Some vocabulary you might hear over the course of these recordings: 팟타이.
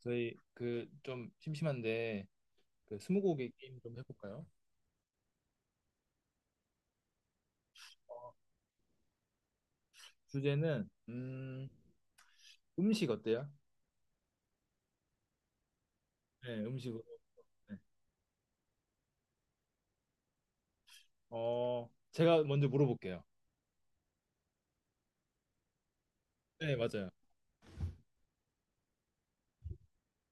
저희 좀 심심한데 그 스무고개 게임 좀 해볼까요? 주제는 음식 어때요? 네, 음식으로. 네. 제가 먼저 물어볼게요. 네, 맞아요.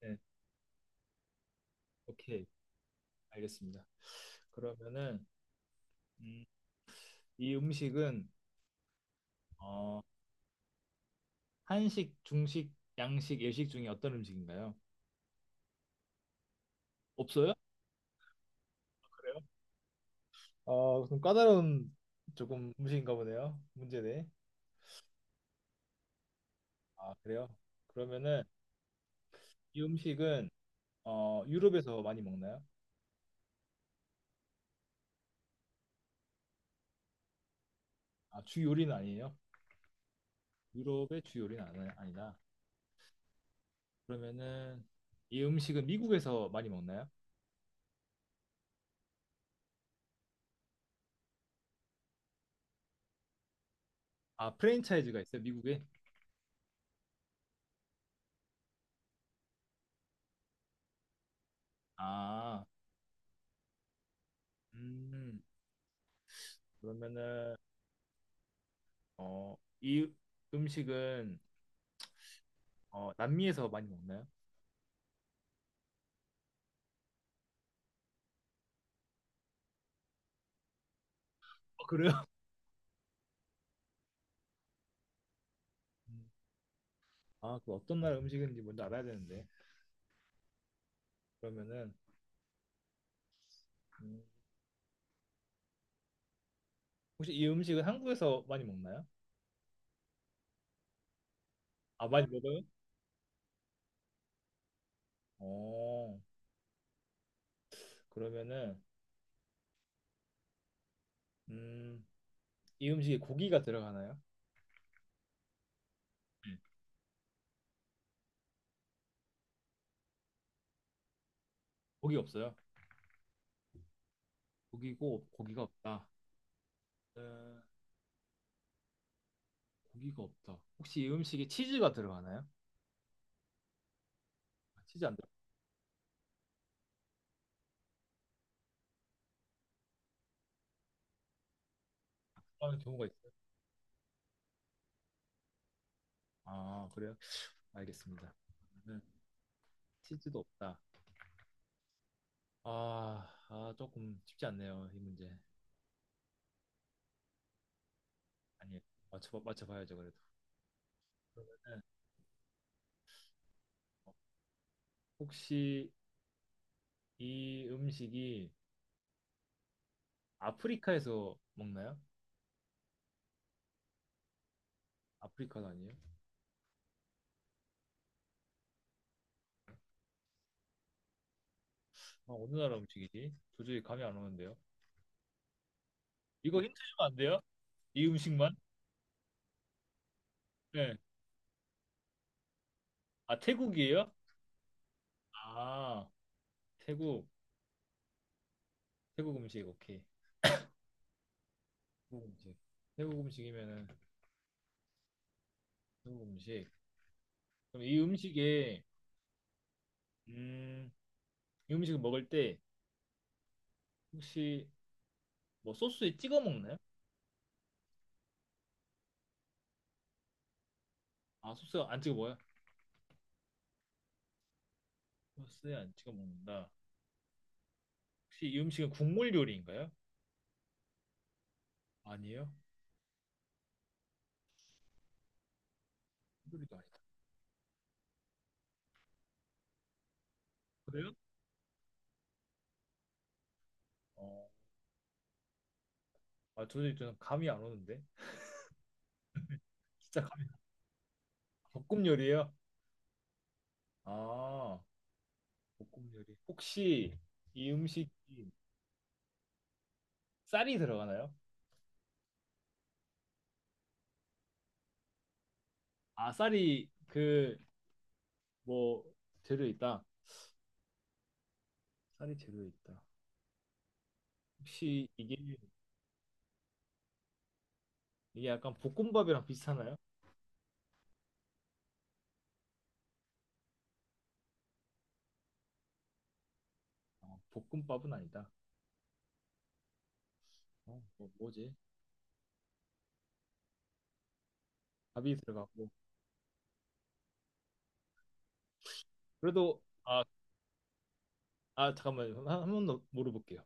네, 오케이, 알겠습니다. 그러면은 음, 이 음식은 어, 한식, 중식, 양식, 일식 중에 어떤 음식인가요? 없어요? 그래요? 어, 좀 까다로운 조금 음식인가 보네요. 문제네. 아, 그래요? 그러면은 이 음식은 유럽에서 많이 먹나요? 아, 주 요리는 아니에요? 유럽의 주 요리는 아니다. 그러면은 이 음식은 미국에서 많이 먹나요? 아, 프랜차이즈가 있어요, 미국에? 아, 음, 그러면은 어, 이 음식은 남미에서 많이 먹나요? 어, 그래요? 음. 아, 그 어떤 나라 음식인지 먼저 알아야 되는데. 그러면은 음, 혹시 이 음식은 한국에서 많이 먹나요? 아, 많이 먹어요? 어, 그러면은 음, 이 음식에 고기가 들어가나요? 고기 없어요. 고기고 고기가 없다. 음, 고기가 없다. 혹시 이 음식에 치즈가 들어가나요? 아, 치즈 안 들어가는 경우가 있어요. 아, 그래요? 알겠습니다. 그러면은 치즈도 없다. 아, 조금 쉽지 않네요, 이 문제. 아니, 맞춰봐야죠, 그래도. 그러면은 혹시 이 음식이 아프리카에서 먹나요? 아프리카도 아니에요? 아, 어느 나라 음식이지? 도저히 감이 안 오는데요. 이거 힌트 주면 안 돼요? 이 음식만? 네. 아, 태국이에요? 아, 태국. 태국 음식, 오케이. 태국 음식. 태국 음식이면은 태국 음식. 그럼 이 음식에 음, 이 음식을 먹을 때 혹시 뭐 소스에 찍어 먹나요? 아, 소스 안 찍어 먹어요? 소스에 안 찍어 먹는다. 혹시 이 음식은 국물 요리인가요? 아니에요. 국물 요리도 아니다. 그래요? 어, 아, 도저히 저는 감이 안 오는데. 진짜 감이 볶음 요리예요? 아, 볶음 요리. 혹시 이 음식이 쌀이 들어가나요? 아, 쌀이 뭐 재료에 있다. 쌀이 재료에 있다. 혹시 이게 약간 볶음밥이랑 비슷하나요? 어, 볶음밥은 아니다. 어, 뭐지? 밥이 들어갔고 그래도 아, 아 잠깐만 한번더 물어볼게요.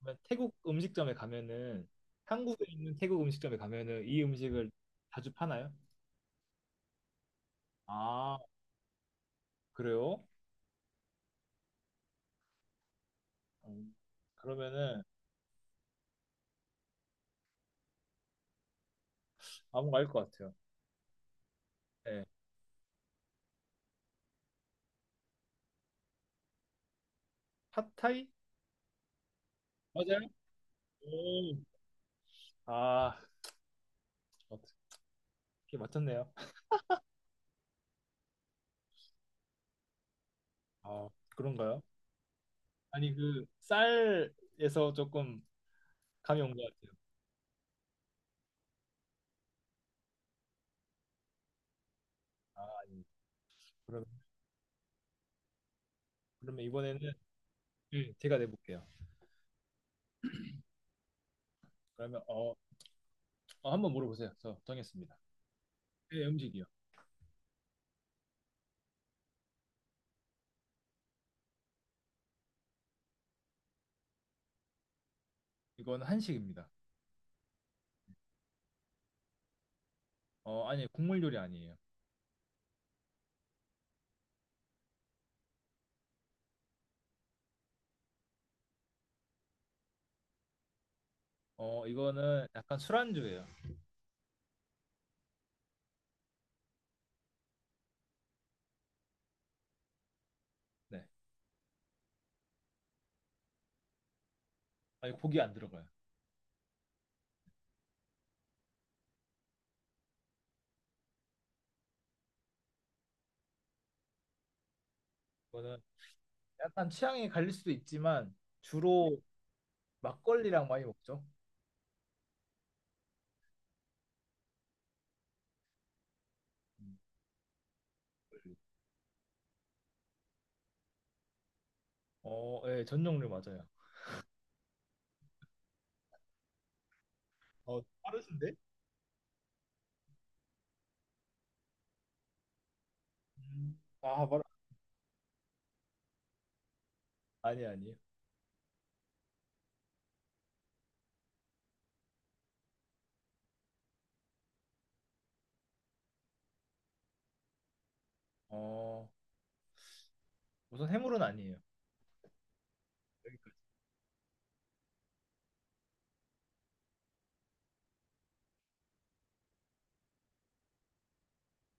그러면 태국 음식점에 가면은 한국에 있는 태국 음식점에 가면은 이 음식을 자주 파나요? 아 그래요? 음, 그러면은 아무 거알것 같아요. 네, 팟타이 맞아요? 오, 아 어떻게 맞췄네요. 아 그런가요? 아니 그 쌀에서 조금 감이 온 것 같아요. 아, 예. 그럼, 그러면 이번에는 예, 제가 내볼게요. 그러면 어, 한번 물어보세요. 저 정했습니다. 네, 음식이요. 이건 한식입니다. 어, 아니, 국물 요리 아니에요. 어, 이거는 약간 술안주예요. 네. 아니, 고기 안 들어가요. 이거는 약간 취향이 갈릴 수도 있지만 주로 막걸리랑 많이 먹죠. 음, 막걸리. 어, 예, 전 종류 맞아요. 어, 빠르신데? 아, 바로 아니, 아니에요. 어, 우선 해물은 아니에요. 여기까지.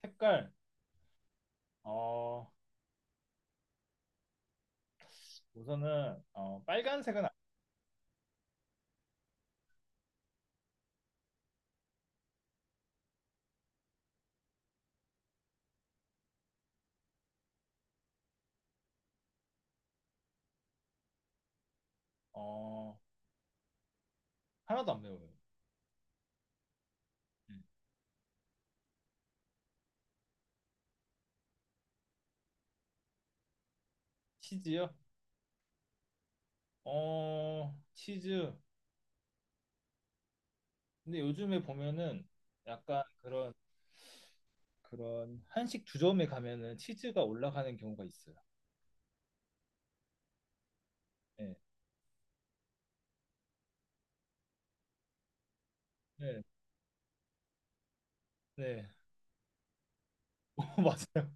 색깔, 어, 우선은 빨간색은 어, 하나도 안 매워요. 음. 치즈요? 어, 치즈. 근데 요즘에 보면은 약간 그런 그런 한식 주점에 가면은 치즈가 올라가는 경우가 있어요. 네, 네, 네. 맞아요.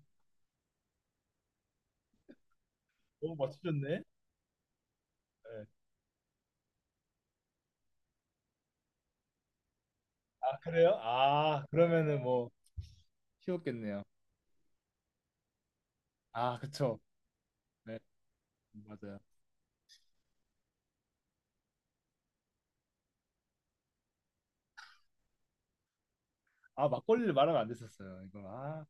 너무 맞추셨네. 네. 아, 그래요? 아, 그러면은 뭐 쉬웠겠네요. 아, 그쵸. 네, 맞아요. 아, 막걸리를 말하면 안 됐었어요. 이거 아,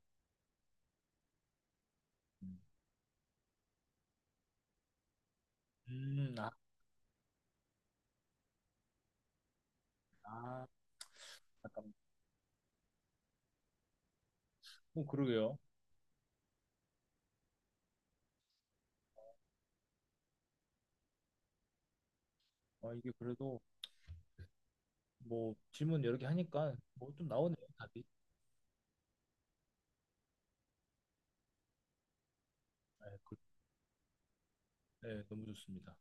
아, 아, 잠깐만. 어, 그러게요. 아, 이게 그래도 뭐 질문 여러 개 하니까 뭐 좀 나오네요 답이. 네, 네, 너무 좋습니다.